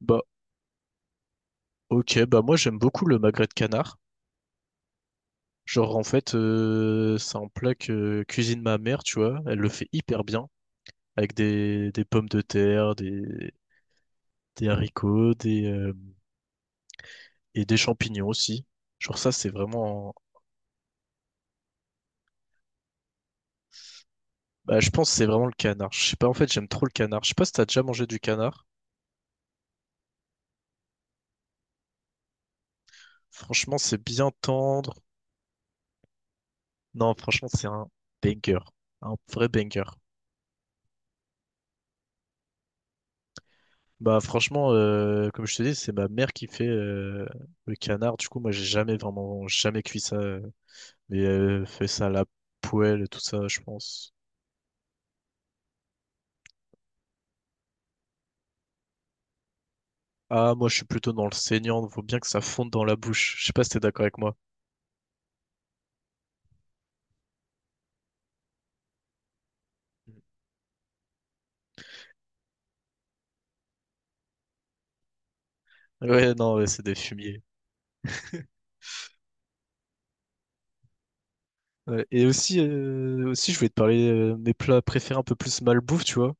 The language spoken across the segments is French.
Bah, ok, bah moi j'aime beaucoup le magret de canard. Genre en fait, c'est un plat que cuisine ma mère, tu vois. Elle le fait hyper bien avec des pommes de terre, des haricots, et des champignons aussi. Genre ça, c'est vraiment. Bah, je pense que c'est vraiment le canard. Je sais pas, en fait, j'aime trop le canard. Je sais pas si t'as déjà mangé du canard. Franchement, c'est bien tendre. Non, franchement, c'est un banger. Un vrai banger. Bah franchement, comme je te dis, c'est ma mère qui fait le canard. Du coup, moi, j'ai jamais vraiment jamais cuit ça. Mais elle fait ça à la poêle et tout ça, je pense. Ah, moi, je suis plutôt dans le saignant. Faut bien que ça fonde dans la bouche. Je sais pas si t'es d'accord avec moi. Ouais, non, ouais, c'est des fumiers. Ouais, et aussi, je voulais te parler mes plats préférés un peu plus malbouffe, tu vois.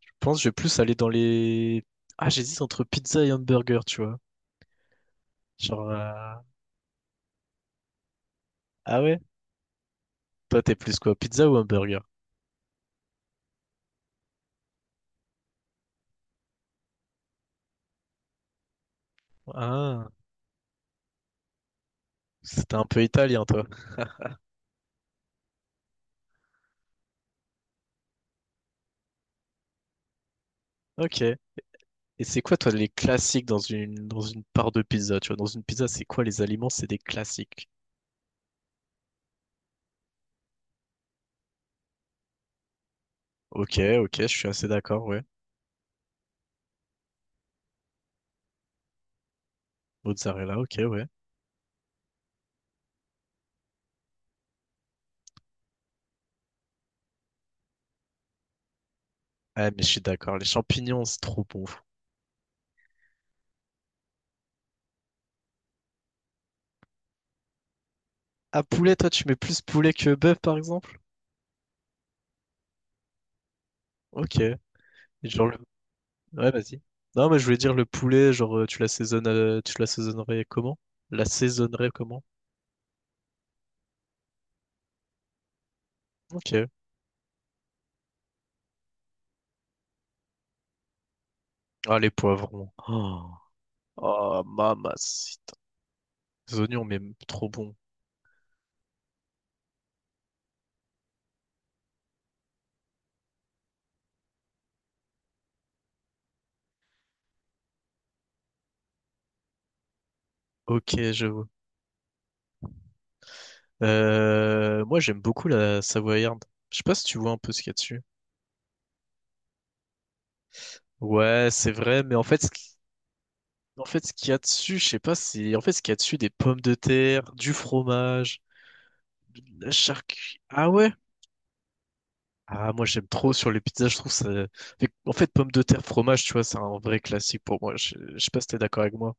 Je pense que je vais plus aller dans les. Ah, j'hésite entre pizza et hamburger, tu vois. Genre. Ah ouais? Toi, t'es plus quoi? Pizza ou hamburger? Ah. C'était un peu italien, toi. Ok. Et c'est quoi, toi, les classiques dans dans une part de pizza? Tu vois, dans une pizza, c'est quoi les aliments? C'est des classiques. Ok, ok, je suis assez d'accord, ouais. Mozzarella, ok, ouais. Ah, mais je suis d'accord. Les champignons, c'est trop bon. Ah, poulet, toi, tu mets plus poulet que bœuf, par exemple? Ok. Et genre le... Ouais, vas-y. Non, mais je voulais dire le poulet, genre, tu l'assaisonnes, tu l'assaisonnerais comment? L'assaisonnerais comment? Ok. Ah, les poivrons. Oh, oh mamacita. Les oignons, mais trop bon. Ok, je vois. Moi, j'aime beaucoup la Savoyarde. Je sais pas si tu vois un peu ce qu'il y a dessus. Ouais, c'est vrai, mais en fait, ce qu'il y a dessus, je sais pas, c'est en fait ce qu'il y a dessus, des pommes de terre, du fromage, de la charcuterie. Ah ouais? Ah, moi, j'aime trop sur les pizzas, je trouve ça. En fait, pommes de terre, fromage, tu vois, c'est un vrai classique pour moi. Je sais pas si t'es d'accord avec moi.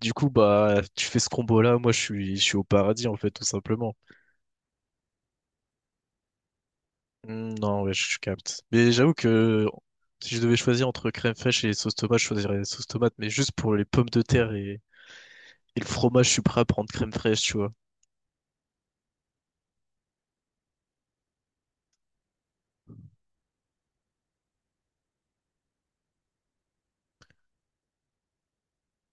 Du coup, bah, tu fais ce combo-là, moi, je suis au paradis, en fait, tout simplement. Hmm, non, ouais, je capte. Mais j'avoue que si je devais choisir entre crème fraîche et sauce tomate, je choisirais sauce tomate, mais juste pour les pommes de terre et le fromage, je suis prêt à prendre crème fraîche, tu vois.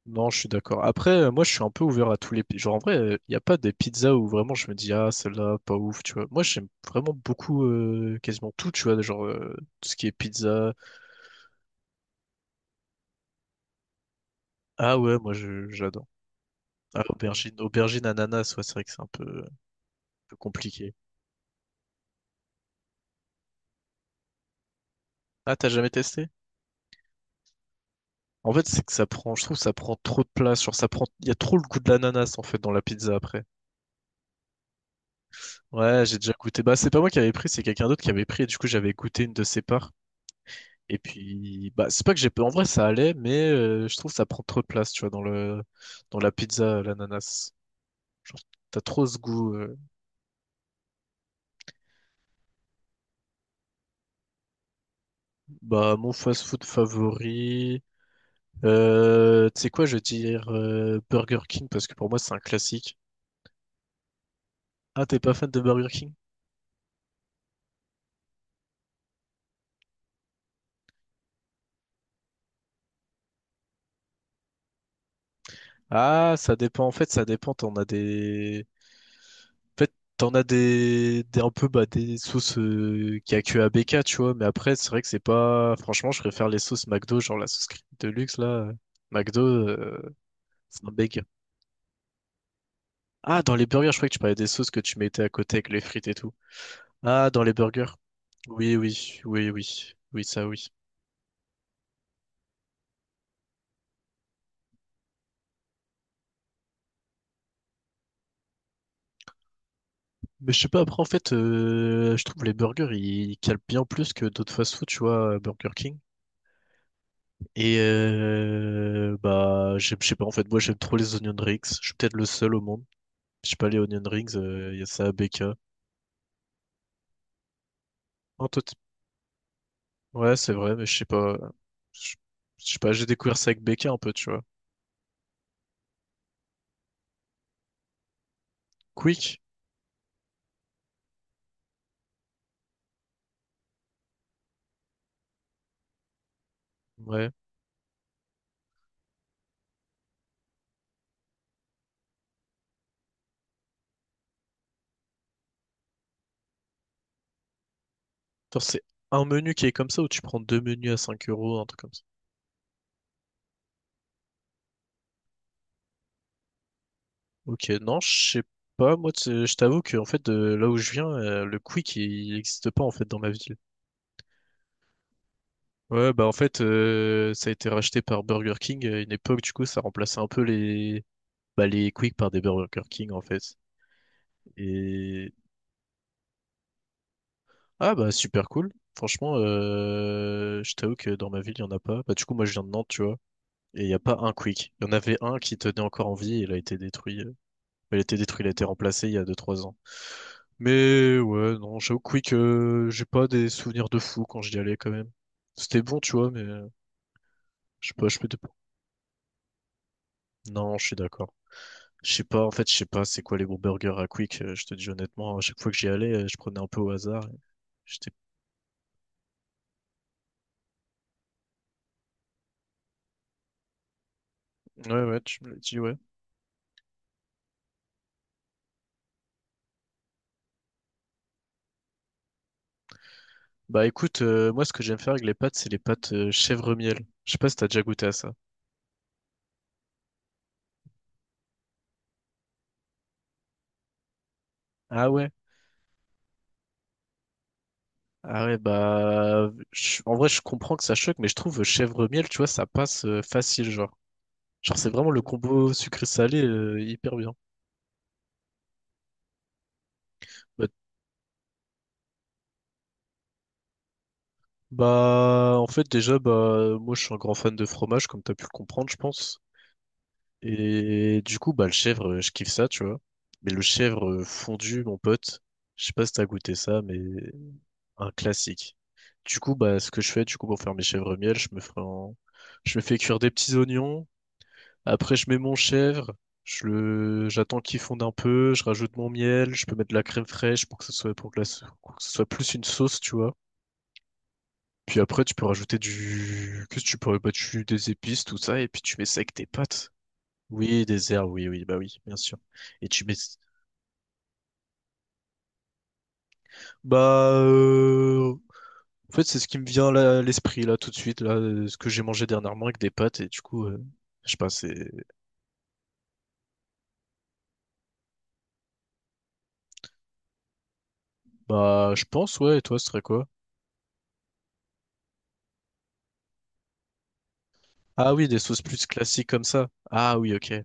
Non, je suis d'accord. Après, moi, je suis un peu ouvert à tous les... Genre, en vrai, il n'y a pas des pizzas où vraiment je me dis, ah, celle-là, pas ouf, tu vois. Moi, j'aime vraiment beaucoup, quasiment tout, tu vois, tout ce qui est pizza. Ah ouais, moi, je, j'adore. Aubergine, aubergine, ananas, ouais, c'est vrai que c'est un peu compliqué. Ah, t'as jamais testé? En fait, c'est que ça prend, je trouve, que ça prend trop de place. Genre, ça prend, il y a trop le goût de l'ananas en fait dans la pizza après. Ouais, j'ai déjà goûté. Bah, c'est pas moi qui avais pris, c'est quelqu'un d'autre qui avait pris. Et du coup, j'avais goûté une de ses parts. Et puis, bah, c'est pas que j'ai, en vrai, ça allait, mais je trouve que ça prend trop de place, tu vois, dans le, dans la pizza, l'ananas. Genre, t'as trop ce goût. Bah, mon fast-food favori. Tu sais quoi, je vais dire Burger King parce que pour moi, c'est un classique. Ah, t'es pas fan de Burger King? Ah, ça dépend. En fait, ça dépend. On a des En fait, t'en as des un peu bah, des sauces qu'il y a que à BK, tu vois. Mais après, c'est vrai que c'est pas. Franchement, je préfère les sauces McDo, genre la sauce crème de luxe là. McDo, euh, c'est un beg. Ah, dans les burgers, je crois que tu parlais des sauces que tu mettais à côté avec les frites et tout. Ah, dans les burgers. Oui, ça, oui. Mais je sais pas, après, en fait, je trouve les burgers, ils calent bien plus que d'autres fast-food, tu vois, Burger King. Et bah, je sais pas, en fait, moi, j'aime trop les onion rings. Je suis peut-être le seul au monde. Je sais pas, les Onion Rings, il y a ça à BK. En tout... Ouais, c'est vrai, mais je sais pas. Je je sais pas, j'ai découvert ça avec BK un peu, tu vois. Quick? Ouais. Attends, c'est un menu qui est comme ça ou tu prends deux menus à 5 euros, un truc comme ça. Ok, non, je sais pas. Moi, tu sais, je t'avoue que en fait, de là où je viens, le Quick, il n'existe pas en fait dans ma ville. Ouais, bah en fait, ça a été racheté par Burger King à une époque, du coup, ça remplaçait un peu bah, les Quick par des Burger King en fait. Et ah bah super cool. Franchement, je t'avoue que dans ma ville, il n'y en a pas. Bah du coup, moi je viens de Nantes, tu vois. Et il n'y a pas un Quick. Il y en avait un qui tenait encore en vie et il a été détruit. Il a été détruit, il a été remplacé il y a deux trois ans. Mais ouais, non, j'avoue que Quick, j'ai pas des souvenirs de fou quand j'y allais quand même. C'était bon, tu vois, mais je sais pas, je peux te Non, je suis d'accord. Je sais pas, en fait, je sais pas c'est quoi les bons burgers à Quick, je te dis honnêtement, à chaque fois que j'y allais, je prenais un peu au hasard. J'étais... Ouais, ouais, tu me l'as dit, ouais. Bah écoute, moi ce que j'aime faire avec les pâtes, c'est les pâtes chèvre-miel. Je sais pas si t'as déjà goûté à ça. Ah ouais? Ah ouais, en vrai je comprends que ça choque, mais je trouve chèvre-miel, tu vois, ça passe facile, genre. Genre c'est vraiment le combo sucré-salé hyper bien. Bah, bah, en fait déjà bah moi je suis un grand fan de fromage, comme t'as pu le comprendre, je pense. Et du coup bah le chèvre, je kiffe ça, tu vois. Mais le chèvre fondu, mon pote, je sais pas si t'as goûté ça, mais un classique. Du coup, bah, ce que je fais, du coup, pour faire mes chèvres miel, je me fais cuire des petits oignons. Après, je mets mon chèvre. J'attends qu'il fonde un peu. Je rajoute mon miel. Je peux mettre de la crème fraîche pour que ce soit, pour que ce soit plus une sauce, tu vois. Puis après, tu peux rajouter du, qu'est-ce que tu pourrais, bah, tu- des épices, tout ça, et puis tu mets ça avec tes pâtes. Oui, des herbes, oui, oui, bah oui, bien sûr. Et bah, euh, en fait, c'est ce qui me vient là, à l'esprit, là, tout de suite, là, ce que j'ai mangé dernièrement avec des pâtes, et du coup, je sais pas, c'est... Bah, je pense, ouais, et toi, ce serait quoi? Ah oui, des sauces plus classiques comme ça. Ah oui, ok.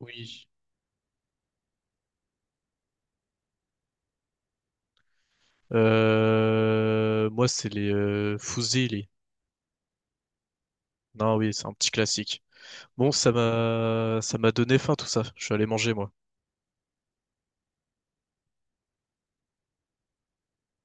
Oui. Moi, c'est les fusilli. Non, oui, c'est un petit classique. Bon, ça m'a donné faim, tout ça. Je suis allé manger, moi.